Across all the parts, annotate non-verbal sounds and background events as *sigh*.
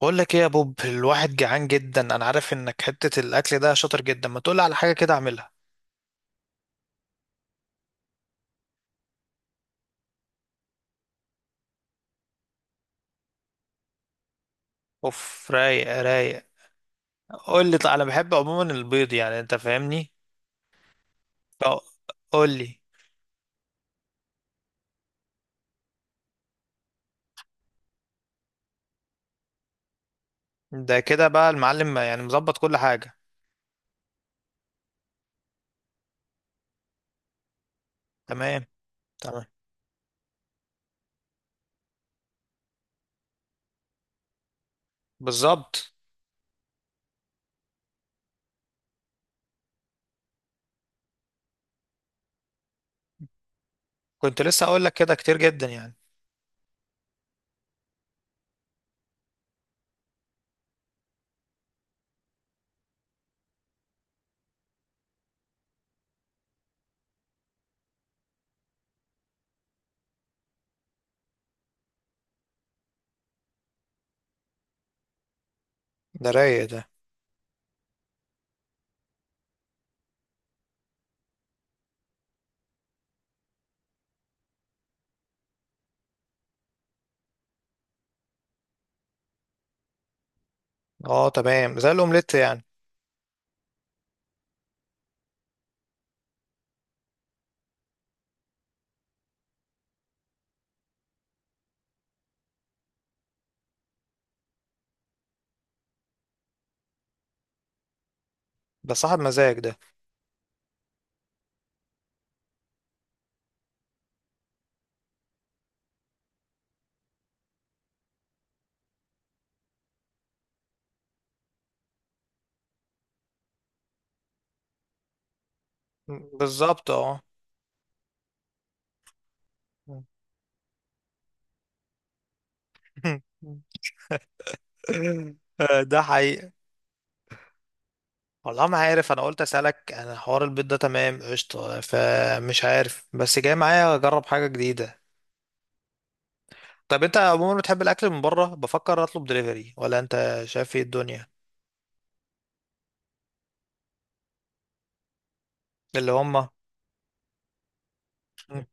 بقول لك ايه يا بوب، الواحد جعان جدا. انا عارف انك حتة الاكل ده شاطر جدا، ما تقول على حاجة كده اعملها. اوف، رايق رايق. قول لي، انا بحب عموما البيض، يعني انت فاهمني. ف- قول لي. ده كده بقى المعلم، يعني مظبط كل حاجة. تمام. تمام. بالظبط. كنت لسه اقول لك كده، كتير جدا يعني. ده رايق ده. اه، تمام، زي الاومليت يعني. ده صاحب مزاج ده. بالظبط، اه. *laughs* ده حقيقي. والله ما عارف، انا قلت اسالك، انا حوار البيض ده تمام قشطه. فمش عارف، بس جاي معايا اجرب حاجه جديده. طب انت عموما بتحب الاكل من بره؟ بفكر اطلب دليفري، ولا انت شايف ايه الدنيا؟ اللي هما؟ مم.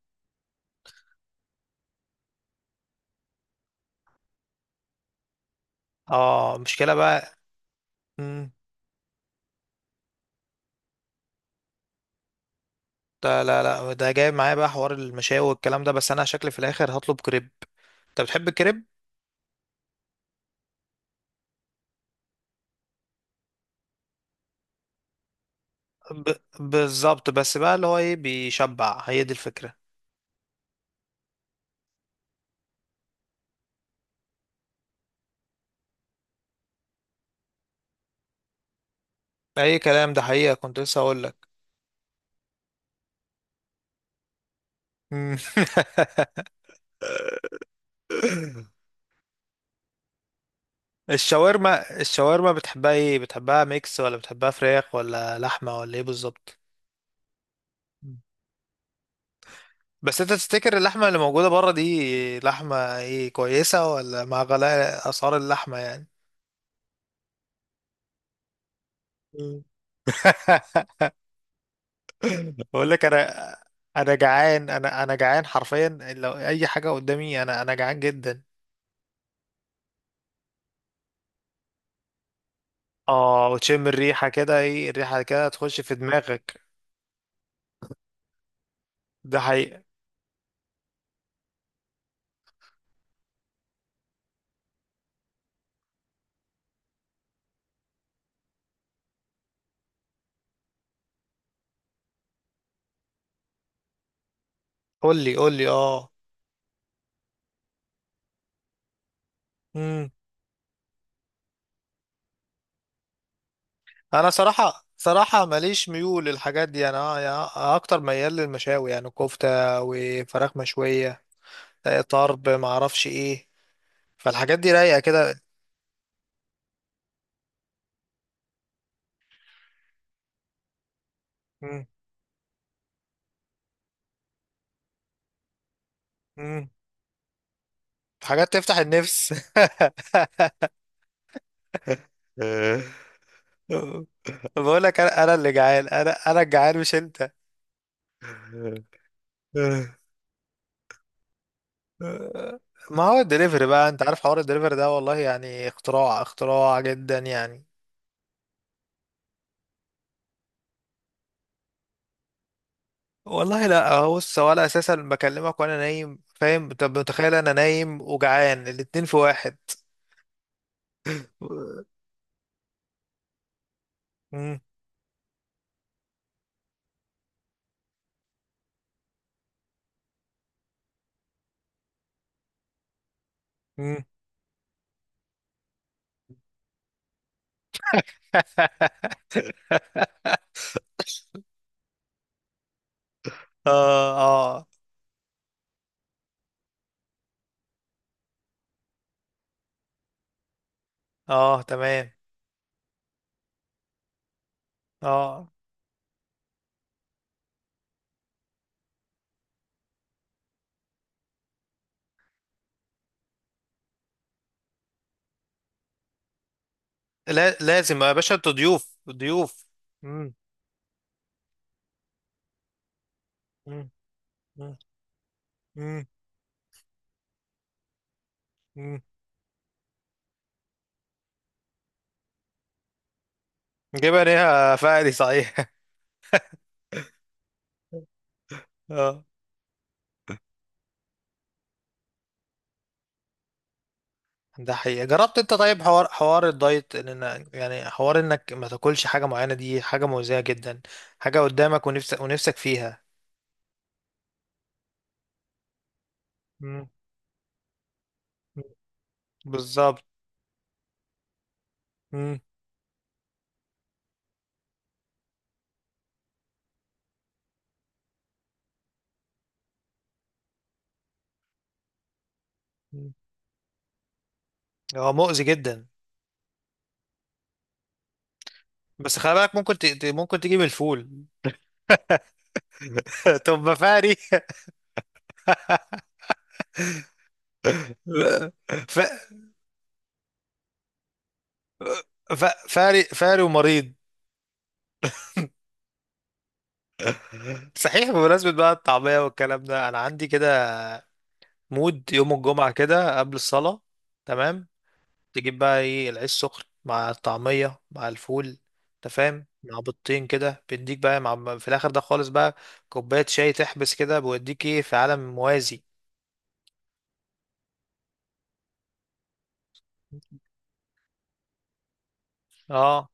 اه، مشكله بقى. مم. ده لا لا، ده جاي معايا بقى حوار المشاوي والكلام ده. بس انا شكلي في الاخر هطلب كريب. انت بتحب الكريب؟ ب... بالظبط. بس بقى اللي هو ايه، بيشبع، هي دي الفكره. اي كلام، ده حقيقه، كنت لسه هقول لك. مم. *laughs* الشاورما بتحبها ايه، بتحبها ميكس ولا بتحبها فراخ ولا لحمة ولا ايه بالظبط؟ بس انت تفتكر اللحمة اللي موجودة بره دي لحمة ايه، كويسة ولا مع غلاء اسعار اللحمة يعني؟ مم. *laughs* بقول لك انا، انا جعان انا انا جعان حرفيا لو اي حاجة قدامي انا انا جعان جدا اه وتشم الريحة كده ايه الريحة كده تخش في دماغك ده حقيقة قول لي قول لي اه انا صراحه صراحه ماليش ميول للحاجات دي انا يعني أنا اكتر ميال للمشاوي يعني كفته وفراخ مشويه آه، طرب ما اعرفش ايه فالحاجات دي رايقه كده مم، مم. حاجات تفتح النفس *laughs* بقول لك أنا اللي جعان. انا الجعان مش انت. *laughs* ما هو الدليفري بقى، انت عارف حوار الدليفري ده، والله يعني اختراع اختراع جدا يعني. والله لا، بص، هو انا اساسا بكلمك وانا نايم. فاهم انت؟ متخيل انا نايم وجعان، الاتنين في واحد. مم. مم. *laughs* اه. اه. اه، تمام. اه. لا، لازم يا باشا، انتوا ضيوف ضيوف. مم. مم. مم. مم. مم. جبن ايه يا فقري صحيح؟ *laughs* اه. ده حقيقة، جربت انت طيب حوار الدايت، يعني حوار انك ما تاكلش حاجة معينة؟ دي حاجة مؤذية جدا. حاجة قدامك، ونفسك فيها. مم. بالظبط. مم. مم. هو مؤذي جدا. بس خلي بالك، ممكن تجيب الفول. *laughs* طب ما فاري. *laughs* ف... ف... فاري فاري ومريض. صحيح، بمناسبة بقى الطعمية والكلام ده، أنا عندي كده مود يوم الجمعة كده قبل الصلاة. تمام. تجيب بقى إيه، العيش سخن مع الطعمية مع الفول. أنت فاهم، مع بيضتين كده بيديك بقى، مع في الآخر ده خالص بقى كوباية شاي تحبس كده، بيوديك إيه في عالم موازي. أه.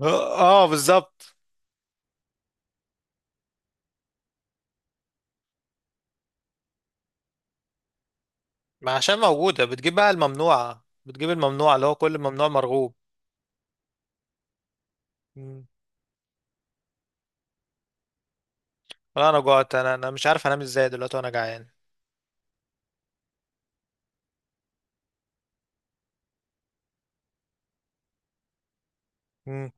اه. آه، بالظبط. ما عشان موجودة، بتجيب بقى الممنوعة، بتجيب الممنوعة اللي هو كل ممنوع مرغوب. مم. والله انا جوعت، انا مش عارف انام ازاي دلوقتي وانا جعان. مم.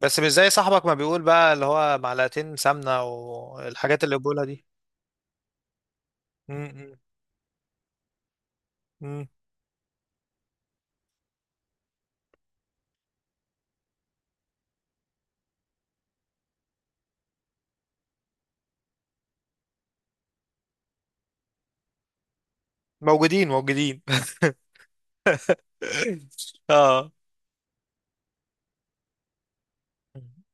بس مش زي صاحبك ما بيقول بقى، اللي هو معلقتين سمنة والحاجات اللي بيقولها دي. مم. مم. مم. موجودين موجودين. *laughs* اه.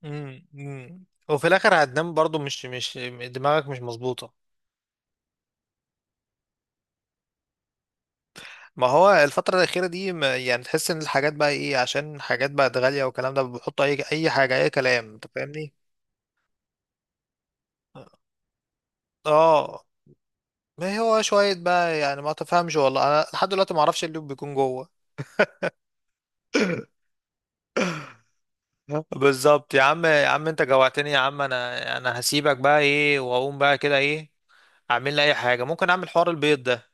مم. مم. وفي الاخر هتنام برضو، مش دماغك مش مظبوطة. ما هو الفترة الأخيرة دي، يعني تحس إن الحاجات بقى إيه، عشان حاجات بقت غالية والكلام ده، بيحطوا أي حاجة، أي كلام، أنت فاهمني؟ آه. ما هو شوية بقى يعني ما تفهمش، والله أنا لحد دلوقتي ما أعرفش إيه اللي بيكون جوه. *laughs* بالظبط يا عم، يا عم أنت جوعتني يا عم. أنا هسيبك بقى إيه وأقوم بقى كده إيه. أعمل لي أي حاجة، ممكن أعمل حوار البيض ده.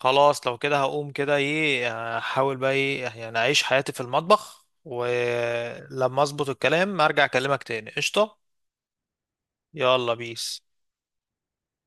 خلاص، لو كده هقوم كده إيه، أحاول بقى إيه يعني أعيش حياتي في المطبخ، ولما أظبط الكلام أرجع أكلمك تاني. قشطة. يلا بيس.